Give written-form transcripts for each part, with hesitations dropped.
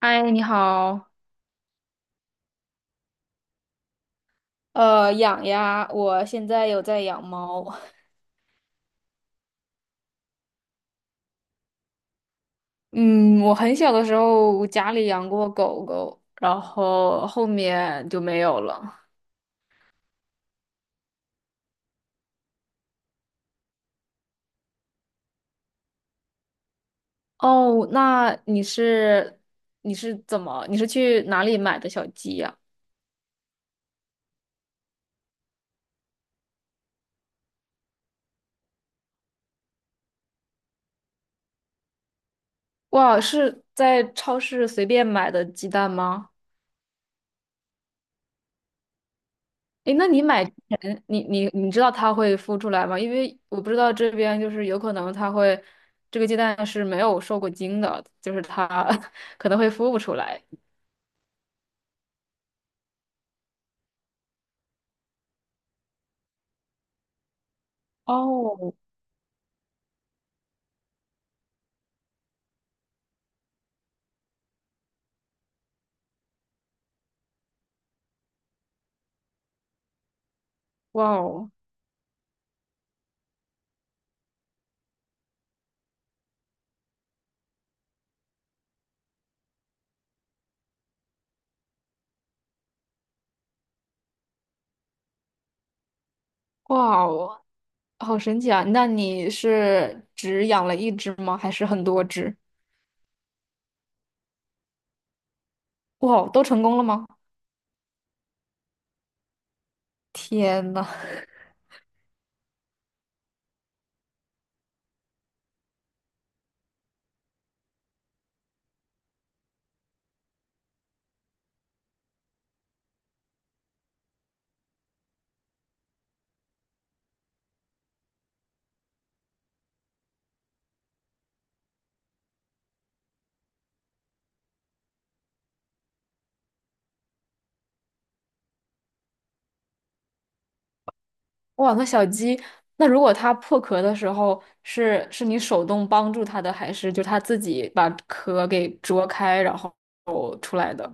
嗨，你好。养呀，我现在有在养猫。嗯，我很小的时候家里养过狗狗，然后后面就没有了。哦，那你是去哪里买的小鸡呀？哇，是在超市随便买的鸡蛋吗？诶，那你买之前，你知道它会孵出来吗？因为我不知道这边就是有可能它会，这个鸡蛋是没有受过精的，就是它 可能会孵不出来。哦，哇哦，哇哦，好神奇啊！那你是只养了一只吗？还是很多只？哇哦，都成功了吗？天呐！哇，那小鸡，那如果它破壳的时候，是你手动帮助它的，还是就它自己把壳给啄开，然后出来的？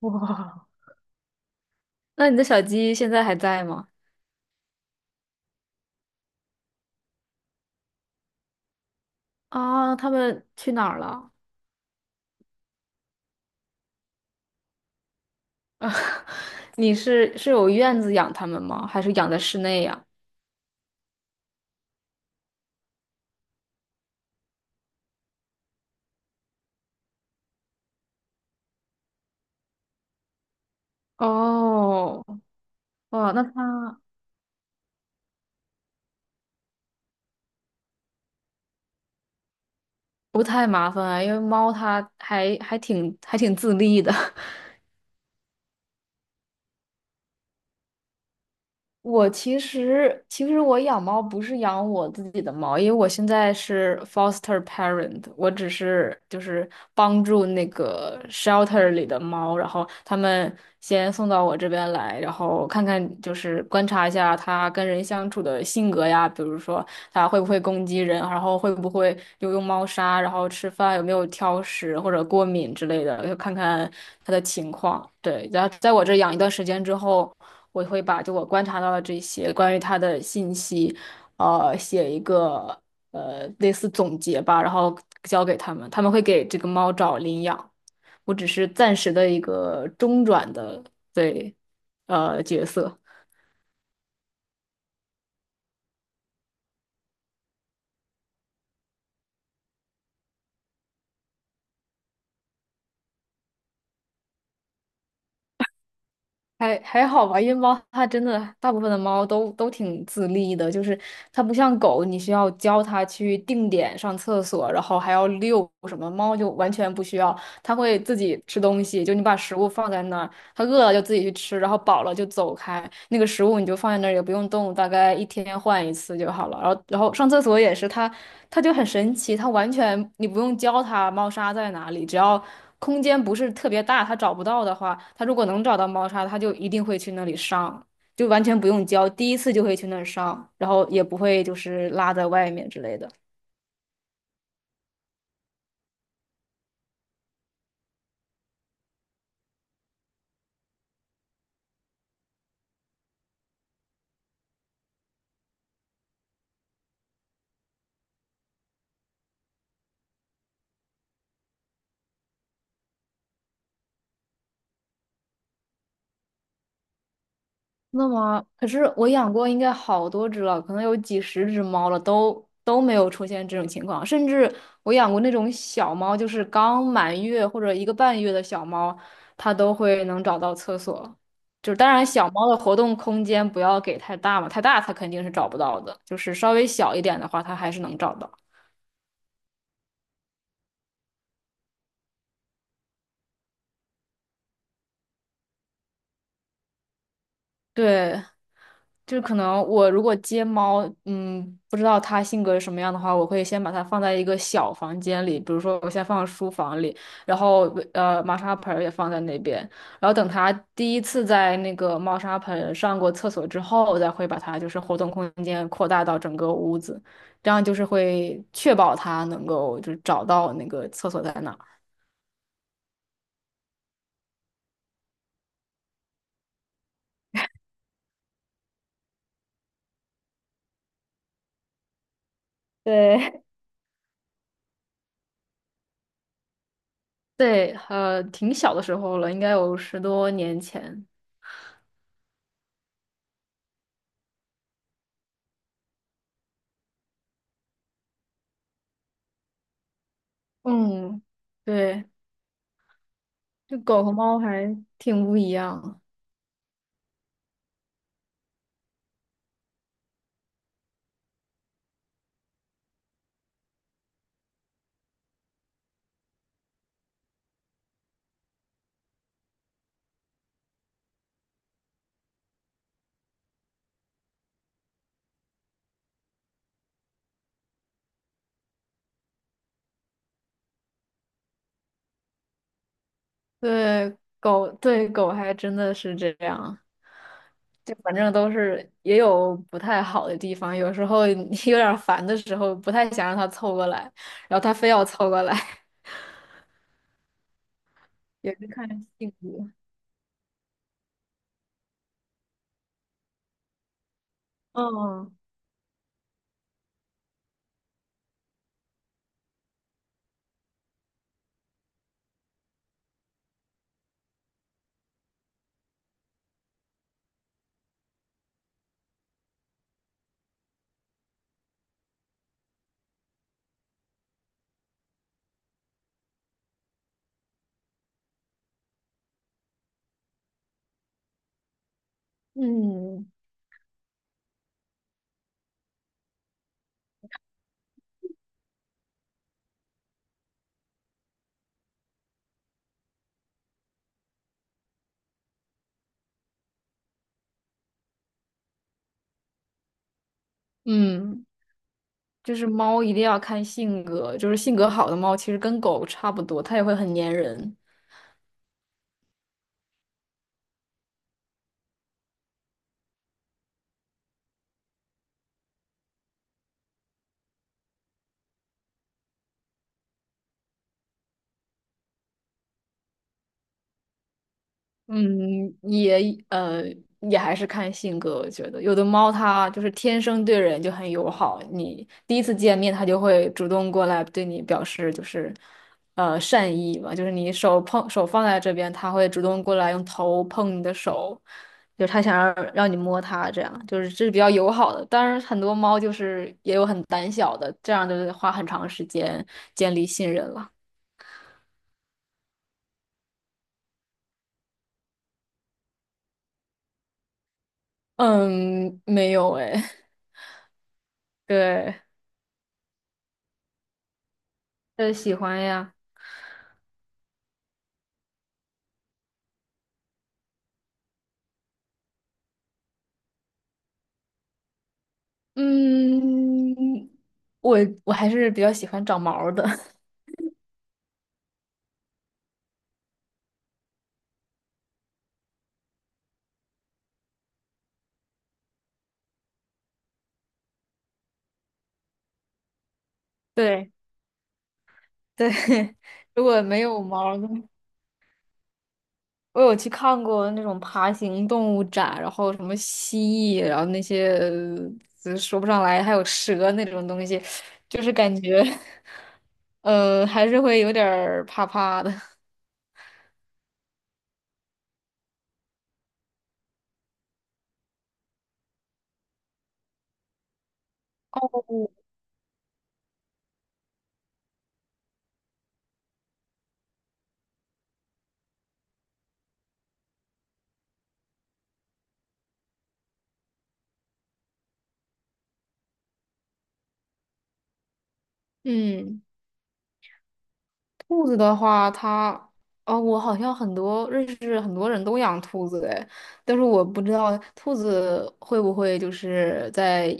哇，那你的小鸡现在还在吗？啊，它们去哪儿了？你是有院子养它们吗？还是养在室内呀？哦，哇，那它不太麻烦啊，因为猫它还挺自立的。我其实我养猫不是养我自己的猫，因为我现在是 foster parent，我只是就是帮助那个 shelter 里的猫，然后他们先送到我这边来，然后看看就是观察一下它跟人相处的性格呀，比如说它会不会攻击人，然后会不会有用猫砂，然后吃饭有没有挑食或者过敏之类的，就看看它的情况。对，然后在我这养一段时间之后。我会把就我观察到的这些关于它的信息，写一个类似总结吧，然后交给他们，他们会给这个猫找领养，我只是暂时的一个中转的对角色，还还好吧，因为猫它真的大部分的猫都挺自立的，就是它不像狗，你需要教它去定点上厕所，然后还要遛什么，猫就完全不需要。它会自己吃东西，就你把食物放在那儿，他饿了就自己去吃，然后饱了就走开。那个食物你就放在那儿也不用动，大概一天换一次就好了。然后上厕所也是，它就很神奇，它完全你不用教它猫砂在哪里，只要空间不是特别大，它找不到的话，它如果能找到猫砂，它就一定会去那里上，就完全不用教，第一次就会去那儿上，然后也不会就是拉在外面之类的。那么，可是我养过应该好多只了，可能有几十只猫了，都没有出现这种情况。甚至我养过那种小猫，就是刚满月或者一个半月的小猫，它都会能找到厕所。就是当然，小猫的活动空间不要给太大嘛，太大它肯定是找不到的。就是稍微小一点的话，它还是能找到。对，就是可能我如果接猫，嗯，不知道它性格是什么样的话，我会先把它放在一个小房间里，比如说我先放书房里，然后猫砂盆儿也放在那边，然后等它第一次在那个猫砂盆上过厕所之后，我再会把它就是活动空间扩大到整个屋子，这样就是会确保它能够就是找到那个厕所在哪儿。对，对，挺小的时候了，应该有十多年前。嗯，对，就狗和猫还挺不一样。对，狗，对，狗还真的是这样。就反正都是也有不太好的地方，有时候你 有点烦的时候，不太想让它凑过来，然后它非要凑过来，也是看性格。嗯嗯嗯，就是猫一定要看性格，就是性格好的猫其实跟狗差不多，它也会很粘人。嗯，也呃，也还是看性格。我觉得有的猫它就是天生对人就很友好，你第一次见面它就会主动过来对你表示就是善意嘛，就是你手碰手放在这边，它会主动过来用头碰你的手，就它想让你摸它，这样就是这是比较友好的。当然，很多猫就是也有很胆小的，这样就是花很长时间建立信任了。嗯，没有哎，对，喜欢呀。嗯，我我还是比较喜欢长毛儿的。对对，如果没有毛儿的，我有去看过那种爬行动物展，然后什么蜥蜴，然后那些说不上来，还有蛇那种东西，就是感觉，还是会有点儿怕怕的。嗯。兔子的话，它，哦，我好像认识很多人都养兔子哎，但是我不知道兔子会不会就是在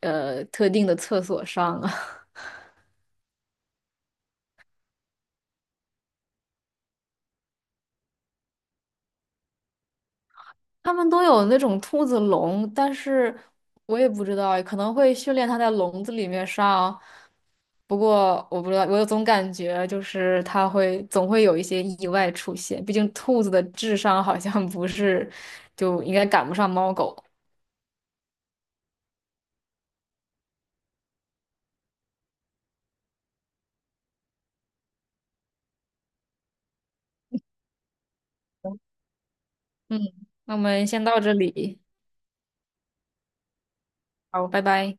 特定的厕所上啊。他们都有那种兔子笼，但是我也不知道诶可能会训练它在笼子里面上。不过我不知道，我有总感觉就是它会总会有一些意外出现，毕竟兔子的智商好像不是就应该赶不上猫狗。嗯，那我们先到这里，好，拜拜。